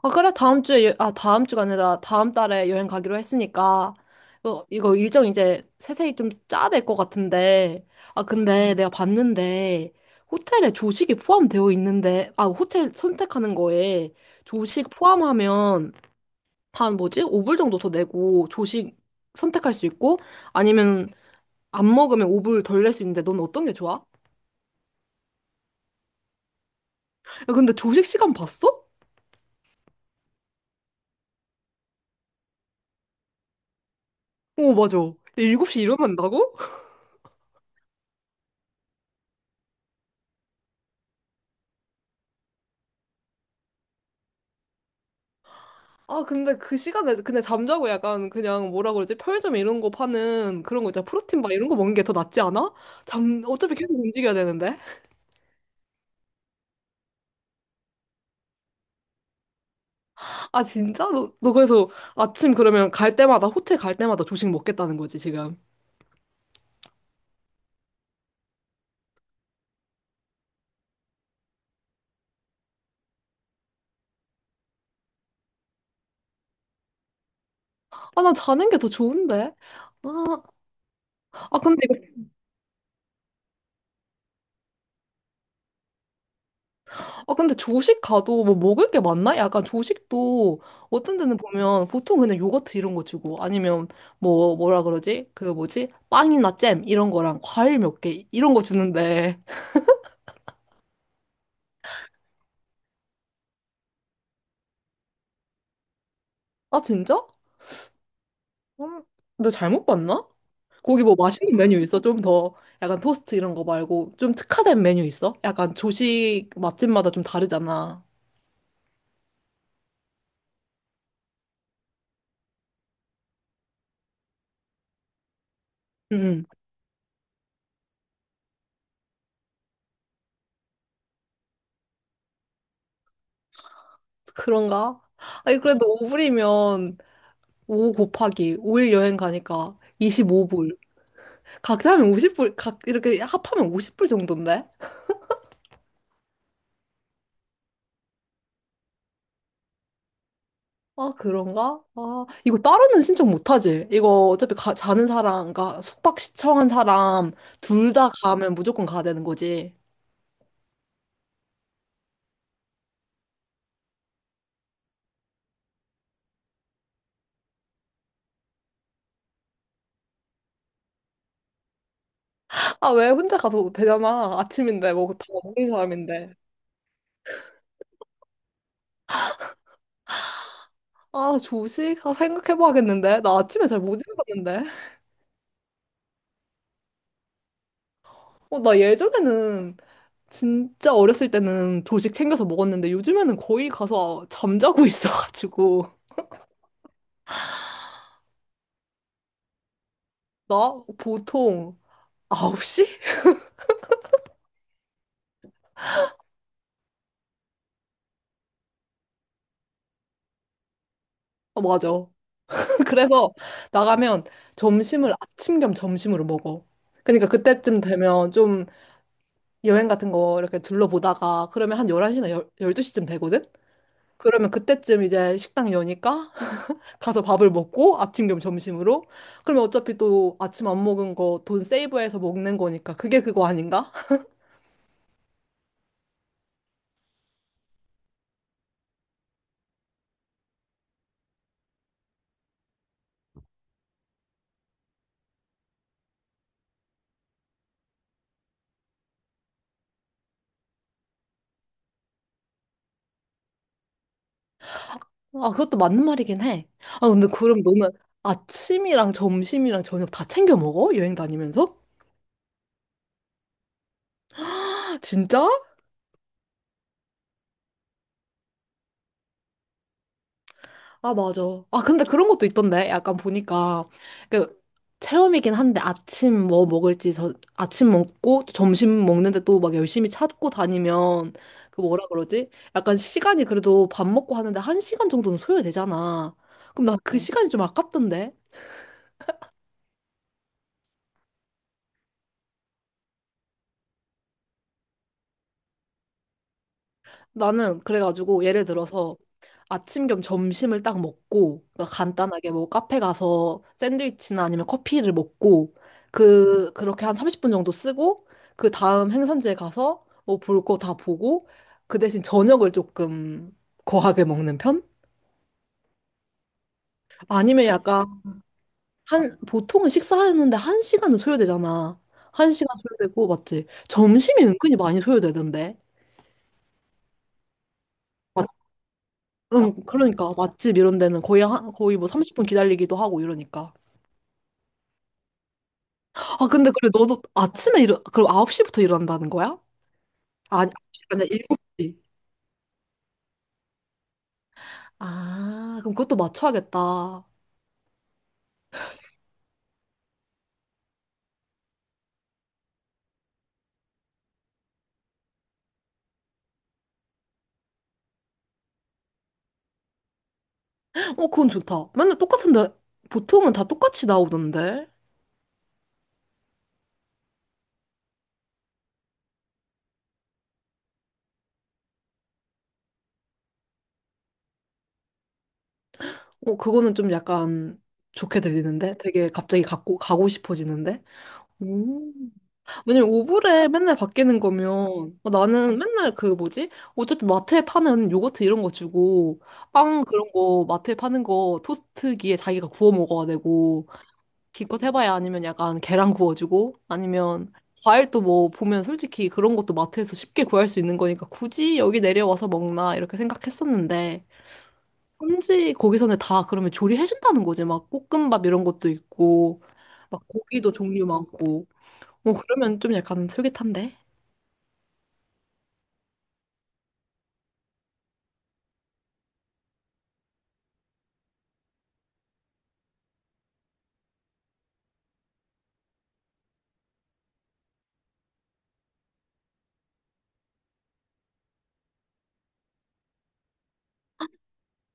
아, 그래, 다음 주에, 아, 다음 주가 아니라 다음 달에 여행 가기로 했으니까, 이거 일정 이제 세세히 좀 짜야 될 것 같은데, 아, 근데 내가 봤는데, 호텔에 조식이 포함되어 있는데, 아, 호텔 선택하는 거에 조식 포함하면 한 뭐지? 5불 정도 더 내고, 조식 선택할 수 있고, 아니면 안 먹으면 5불 덜 낼 수 있는데, 넌 어떤 게 좋아? 야, 근데 조식 시간 봤어? 오, 맞아. 7시 일어난다고? 아, 근데 그 시간에, 근데 잠자고 약간 그냥 뭐라 그러지? 편의점 이런 거 파는 그런 거 있잖아. 프로틴 바 이런 거 먹는 게 더 낫지 않아? 잠, 어차피 계속 움직여야 되는데? 아, 진짜? 너 그래서 아침 그러면 갈 때마다, 호텔 갈 때마다 조식 먹겠다는 거지, 지금. 아, 난 자는 게 더 좋은데? 아, 아, 근데 이거, 아, 근데 조식 가도 뭐 먹을 게 많나? 약간 조식도 어떤 데는 보면 보통 그냥 요거트 이런 거 주고 아니면 뭐, 뭐라 그러지? 그 뭐지? 빵이나 잼 이런 거랑 과일 몇 개 이런 거 주는데. 아, 진짜? 음, 너 잘못 봤나? 거기 뭐 맛있는 메뉴 있어? 좀 더 약간 토스트 이런 거 말고 좀 특화된 메뉴 있어? 약간 조식 맛집마다 좀 다르잖아. 응, 그런가? 아니, 그래도 5불이면 5 곱하기 5일 여행 가니까 25불. 각자 하면 50불, 각 이렇게 합하면 50불 정도인데? 아, 그런가? 아, 이거 따로는 신청 못하지? 이거 어차피 가, 자는 사람, 그러니까 숙박 시청한 사람 둘 다 가면 무조건 가야 되는 거지. 아, 왜 혼자 가도 되잖아. 아침인데, 뭐, 다 먹는 사람인데. 아, 조식? 아, 생각해봐야겠는데. 나 아침에 잘 못 일어났는데. 어, 나 예전에는, 진짜 어렸을 때는 조식 챙겨서 먹었는데, 요즘에는 거의 가서 잠자고 있어가지고. 나 보통 9시? 아, 맞아. 그래서 나가면 점심을 아침 겸 점심으로 먹어. 그러니까 그때쯤 되면 좀 여행 같은 거 이렇게 둘러보다가 그러면 한 11시나 12시쯤 되거든? 그러면 그때쯤 이제 식당 여니까 가서 밥을 먹고 아침 겸 점심으로 그러면 어차피 또 아침 안 먹은 거 돈 세이브해서 먹는 거니까 그게 그거 아닌가? 아 그것도 맞는 말이긴 해. 아 근데 그럼 너는 아침이랑 점심이랑 저녁 다 챙겨 먹어? 여행 다니면서? 진짜? 아, 맞아. 아, 근데 그런 것도 있던데. 약간 보니까. 그, 체험이긴 한데 아침 뭐 먹을지 저, 아침 먹고 또 점심 먹는데 또 막 열심히 찾고 다니면 그 뭐라 그러지? 약간 시간이 그래도 밥 먹고 하는데 한 시간 정도는 소요되잖아. 그럼 나 그 시간이 좀 아깝던데. 나는 그래가지고 예를 들어서 아침 겸 점심을 딱 먹고 그러니까 간단하게 뭐 카페 가서 샌드위치나 아니면 커피를 먹고 그 그렇게 한 30분 정도 쓰고 그 다음 행선지에 가서 뭐 볼 거 다 보고 그 대신 저녁을 조금 거하게 먹는 편? 아니면 약간 한 보통은 식사하는데 한 시간은 소요되잖아. 한 시간 소요되고 맞지? 점심이 은근히 많이 소요되던데. 응, 그러니까 맛집 이런 데는 거의 한, 거의 뭐 30분 기다리기도 하고 이러니까. 아, 근데 그래 너도 아침에 일어 그럼 9시부터 일어난다는 거야? 아, 아니, 아홉 시가 아니라 7시. 아, 그럼 그것도 맞춰야겠다. 어, 그건 좋다. 맨날 똑같은데 보통은 다 똑같이 나오던데. 어, 그거는 좀 약간 좋게 들리는데? 되게 갑자기 갖고 가고 싶어지는데? 음. 왜냐면 오브레 맨날 바뀌는 거면 어, 나는 맨날 그 뭐지? 어차피 마트에 파는 요거트 이런 거 주고 빵 그런 거 마트에 파는 거 토스트기에 자기가 구워 먹어야 되고 기껏 해봐야 아니면 약간 계란 구워주고 아니면 과일도 뭐 보면 솔직히 그런 것도 마트에서 쉽게 구할 수 있는 거니까 굳이 여기 내려와서 먹나 이렇게 생각했었는데 현지 거기서는 다 그러면 조리해준다는 거지 막 볶음밥 이런 것도 있고 막 고기도 종류 많고 뭐 그러면 좀 약간 솔깃한데?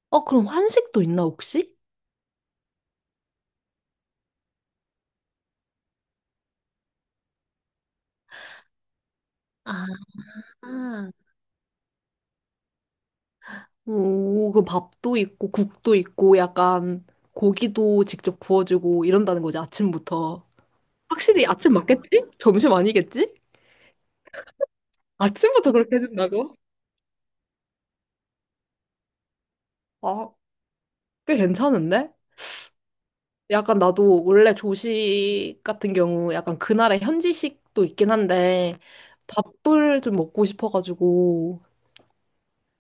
어, 그럼 한식도 있나, 혹시? 아, 오, 그 밥도 있고, 국도 있고, 약간 고기도 직접 구워주고 이런다는 거지, 아침부터. 확실히 아침 맞겠지? 점심 아니겠지? 아침부터 그렇게 해준다고? 아, 꽤 괜찮은데? 약간 나도 원래 조식 같은 경우 약간 그날의 현지식도 있긴 한데, 밥을 좀 먹고 싶어가지고,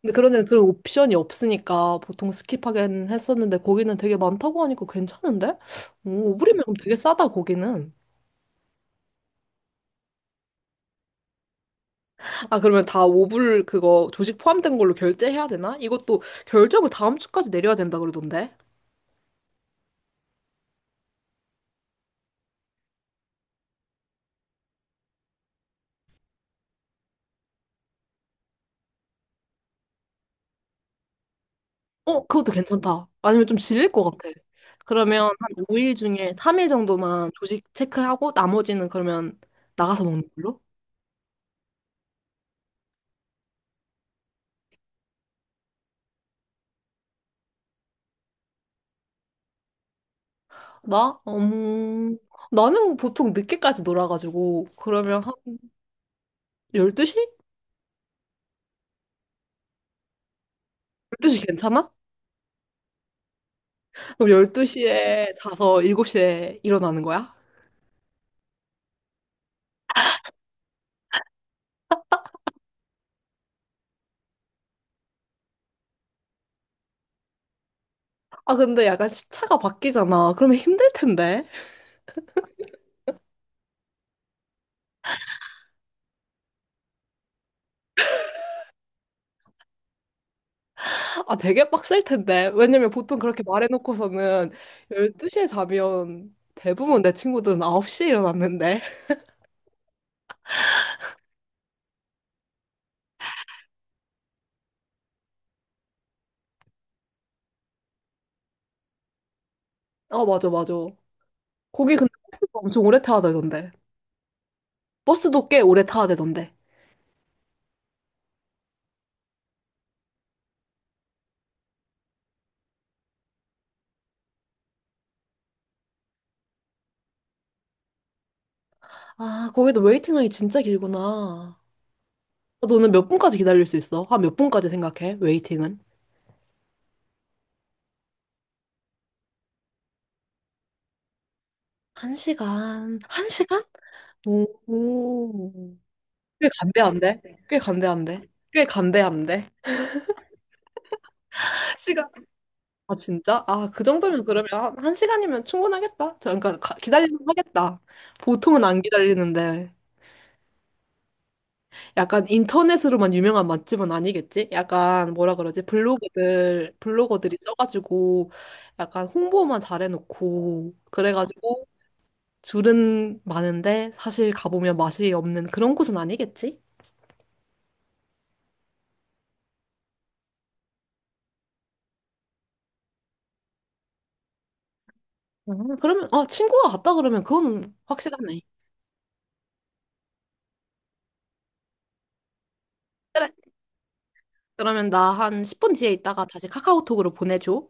근데 그런데 그런 옵션이 없으니까 보통 스킵하긴 했었는데 거기는 되게 많다고 하니까 괜찮은데? 오, 5불이면 그럼 되게 싸다 거기는. 아 그러면 다 5불 그거 조식 포함된 걸로 결제해야 되나? 이것도 결정을 다음 주까지 내려야 된다 그러던데. 어 그것도 괜찮다. 아니면 좀 질릴 것 같아. 그러면 한 5일 중에 3일 정도만 조식 체크하고 나머지는 그러면 나가서 먹는 걸로? 나? 나는 보통 늦게까지 놀아가지고 그러면 한 12시? 12시 괜찮아? 그럼 12시에 자서 7시에 일어나는 거야? 아, 근데 약간 시차가 바뀌잖아. 그러면 힘들 텐데. 아, 되게 빡셀 텐데. 왜냐면 보통 그렇게 말해놓고서는 12시에 자면 대부분 내 친구들은 9시에 일어났는데. 아, 맞아, 맞아. 거기 근데 버스가 엄청 오래 타야 되던데. 버스도 꽤 오래 타야 되던데. 아, 거기도 웨이팅 라인이 진짜 길구나. 너는 몇 분까지 기다릴 수 있어? 한 몇 분까지 생각해? 웨이팅은? 한 시간. 한 시간? 오. 꽤 간대한데? 꽤 간대한데? 꽤 간대한데? 시간. 아, 진짜? 아, 그 정도면 그러면 한 시간이면 충분하겠다. 저, 그러니까 기다리면 하겠다. 보통은 안 기다리는데. 약간 인터넷으로만 유명한 맛집은 아니겠지? 약간 뭐라 그러지? 블로거들이 써가지고 약간 홍보만 잘해놓고 그래가지고 줄은 많은데 사실 가보면 맛이 없는 그런 곳은 아니겠지? 그러면, 아, 친구가 갔다 그러면 그건 확실하네. 그래. 그러면 나 한 10분 뒤에 있다가 다시 카카오톡으로 보내줘.